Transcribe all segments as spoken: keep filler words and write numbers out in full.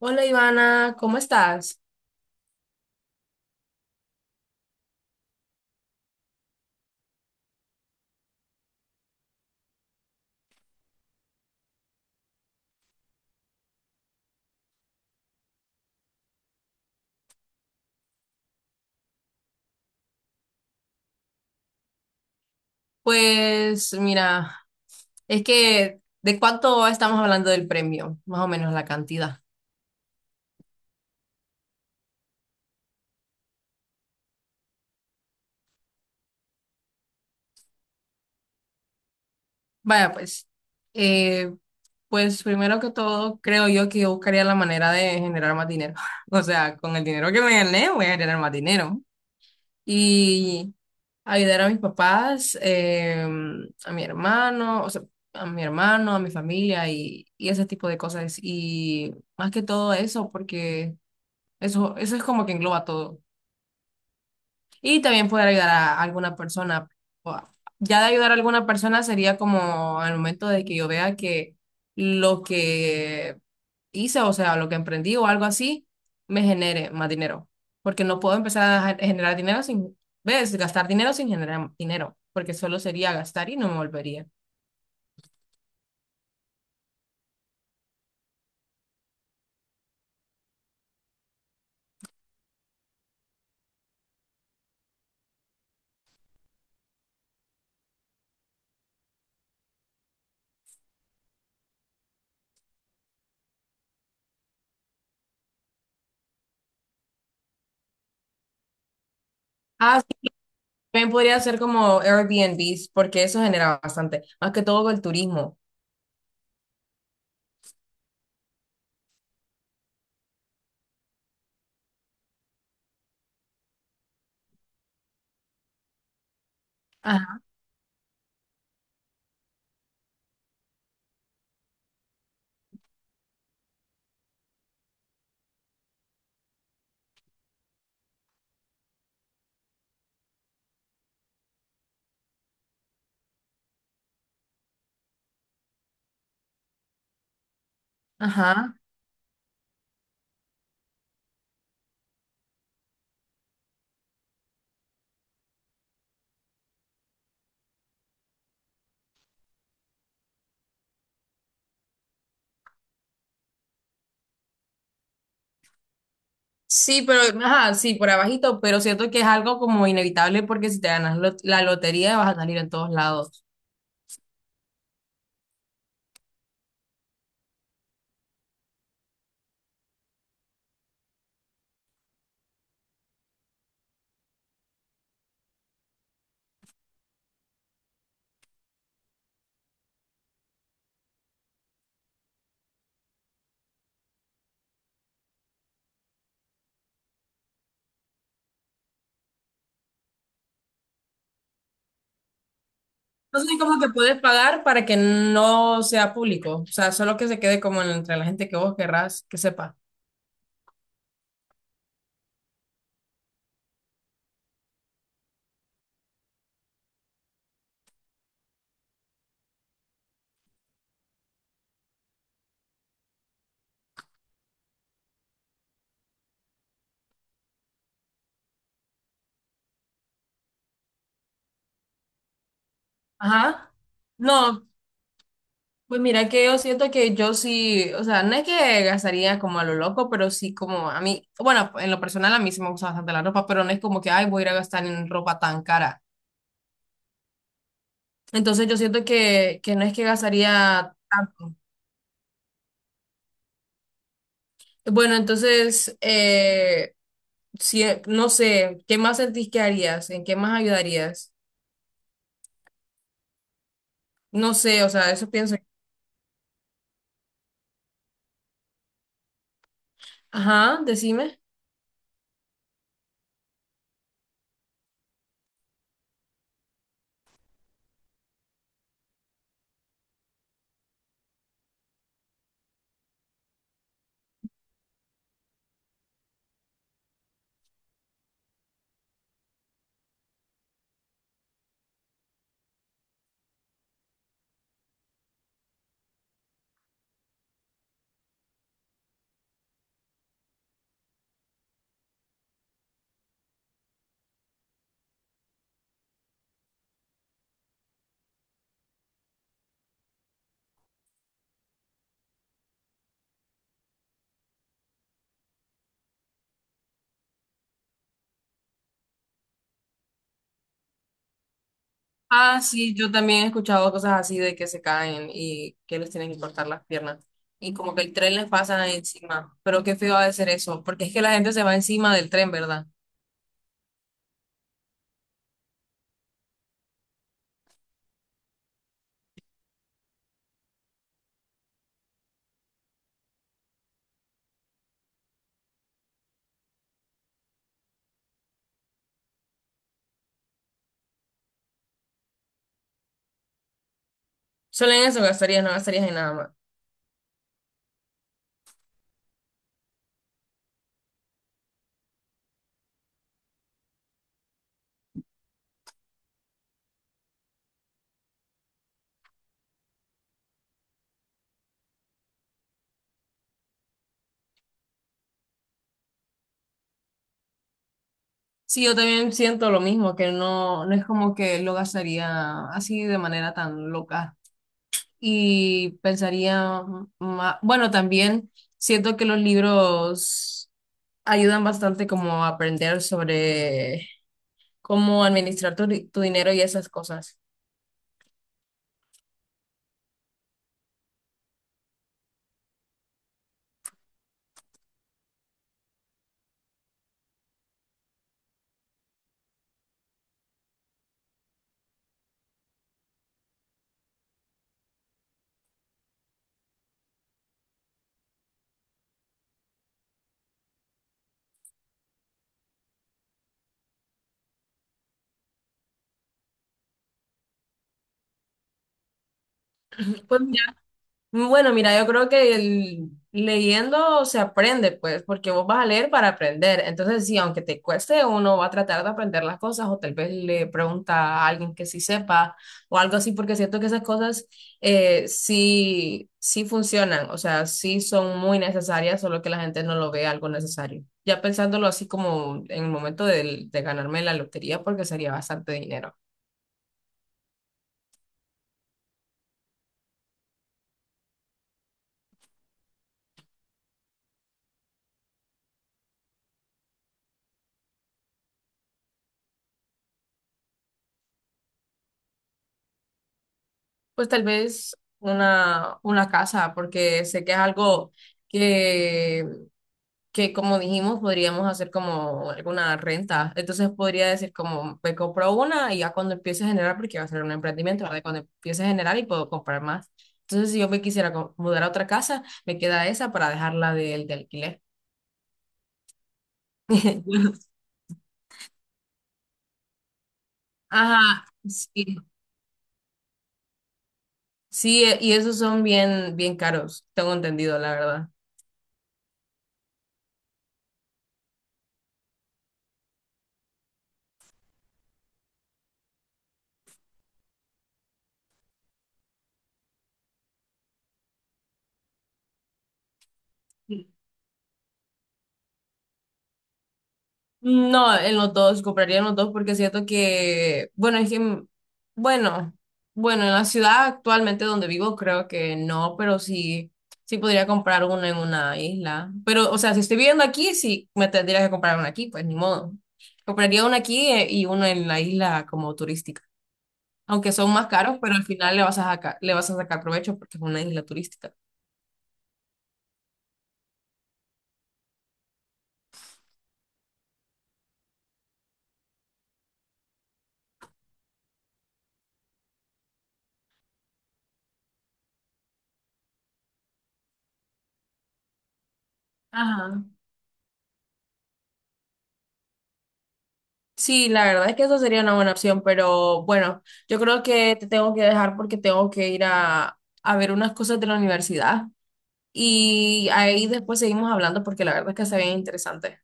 Hola Ivana, ¿cómo estás? Pues mira, es que ¿de cuánto estamos hablando del premio? Más o menos la cantidad. Vaya, pues, eh, pues primero que todo, creo yo que yo buscaría la manera de generar más dinero. O sea, con el dinero que me gané, voy a generar más dinero. Y ayudar a mis papás, eh, a mi hermano, o sea, a mi hermano, a mi familia y, y ese tipo de cosas. Y más que todo eso, porque... Eso, eso es como que engloba todo. Y también poder ayudar a alguna persona. O a- Ya de ayudar a alguna persona sería como al momento de que yo vea que lo que hice, o sea, lo que emprendí o algo así, me genere más dinero. Porque no puedo empezar a gen- generar dinero sin, ¿ves? Gastar dinero sin generar dinero, porque solo sería gastar y no me volvería. Ah, sí, también podría ser como Airbnbs, porque eso genera bastante, más que todo con el turismo. Ajá. Ajá. Sí, pero, ajá, sí, por abajito, pero siento que es algo como inevitable porque si te ganas lot- la lotería vas a salir en todos lados. Entonces, como que puedes pagar para que no sea público, o sea, solo que se quede como entre la gente que vos querrás que sepa. Ajá. No, pues mira que yo siento que yo sí, o sea, no es que gastaría como a lo loco, pero sí como a mí, bueno, en lo personal a mí sí me gusta bastante la ropa, pero no es como que, ay, voy a ir a gastar en ropa tan cara. Entonces yo siento que, que no es que gastaría tanto. Bueno, entonces, eh, si, no sé, ¿qué más sentís que harías? ¿En qué más ayudarías? No sé, o sea, eso pienso. Ajá, decime. Ah, sí, yo también he escuchado cosas así de que se caen y que les tienen que cortar las piernas. Y como que el tren les pasa encima. Pero qué feo ha de ser eso, porque es que la gente se va encima del tren, ¿verdad? Solo en eso gastarías, no gastarías en nada más. Sí, yo también siento lo mismo, que no, no es como que lo gastaría así de manera tan loca. Y pensaría, ma- bueno, también siento que los libros ayudan bastante como a aprender sobre cómo administrar tu, tu dinero y esas cosas. Pues bueno, mira, yo creo que el- leyendo se aprende, pues, porque vos vas a leer para aprender. Entonces, sí, aunque te cueste, uno va a tratar de aprender las cosas o tal vez le pregunta a alguien que sí sepa o algo así, porque siento que esas cosas, eh, sí, sí funcionan, o sea, sí son muy necesarias, solo que la gente no lo ve algo necesario. Ya pensándolo así como en el momento del- de ganarme la lotería, porque sería bastante dinero. Pues tal vez una, una casa, porque sé que es algo que, que, como dijimos, podríamos hacer como alguna renta. Entonces podría decir como, me compro una y ya cuando empiece a generar, porque va a ser un emprendimiento, ¿verdad? Cuando empiece a generar y puedo comprar más. Entonces, si yo me quisiera co- mudar a otra casa, me queda esa para dejarla del de alquiler. Ajá, sí, sí, e- y esos son bien, bien caros, tengo entendido, la verdad. No, en los dos, compraría en los dos porque siento que, bueno, es que, bueno, bueno, en la ciudad actualmente donde vivo creo que no, pero sí, sí podría comprar uno en una isla. Pero, o sea, si estoy viviendo aquí, sí me tendría que comprar uno aquí, pues ni modo. Compraría uno aquí, eh, y uno en la isla como turística. Aunque son más caros, pero al final le vas a sacar, le vas a sacar provecho porque es una isla turística. Ajá. Sí, la verdad es que eso sería una buena opción, pero bueno, yo creo que te tengo que dejar porque tengo que ir a, a ver unas cosas de la universidad y ahí después seguimos hablando porque la verdad es que está bien interesante.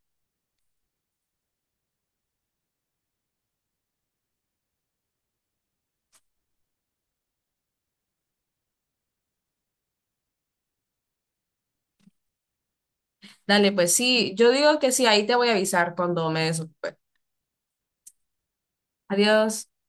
Dale, pues sí, yo digo que sí, ahí te voy a avisar cuando me desocupe. Adiós.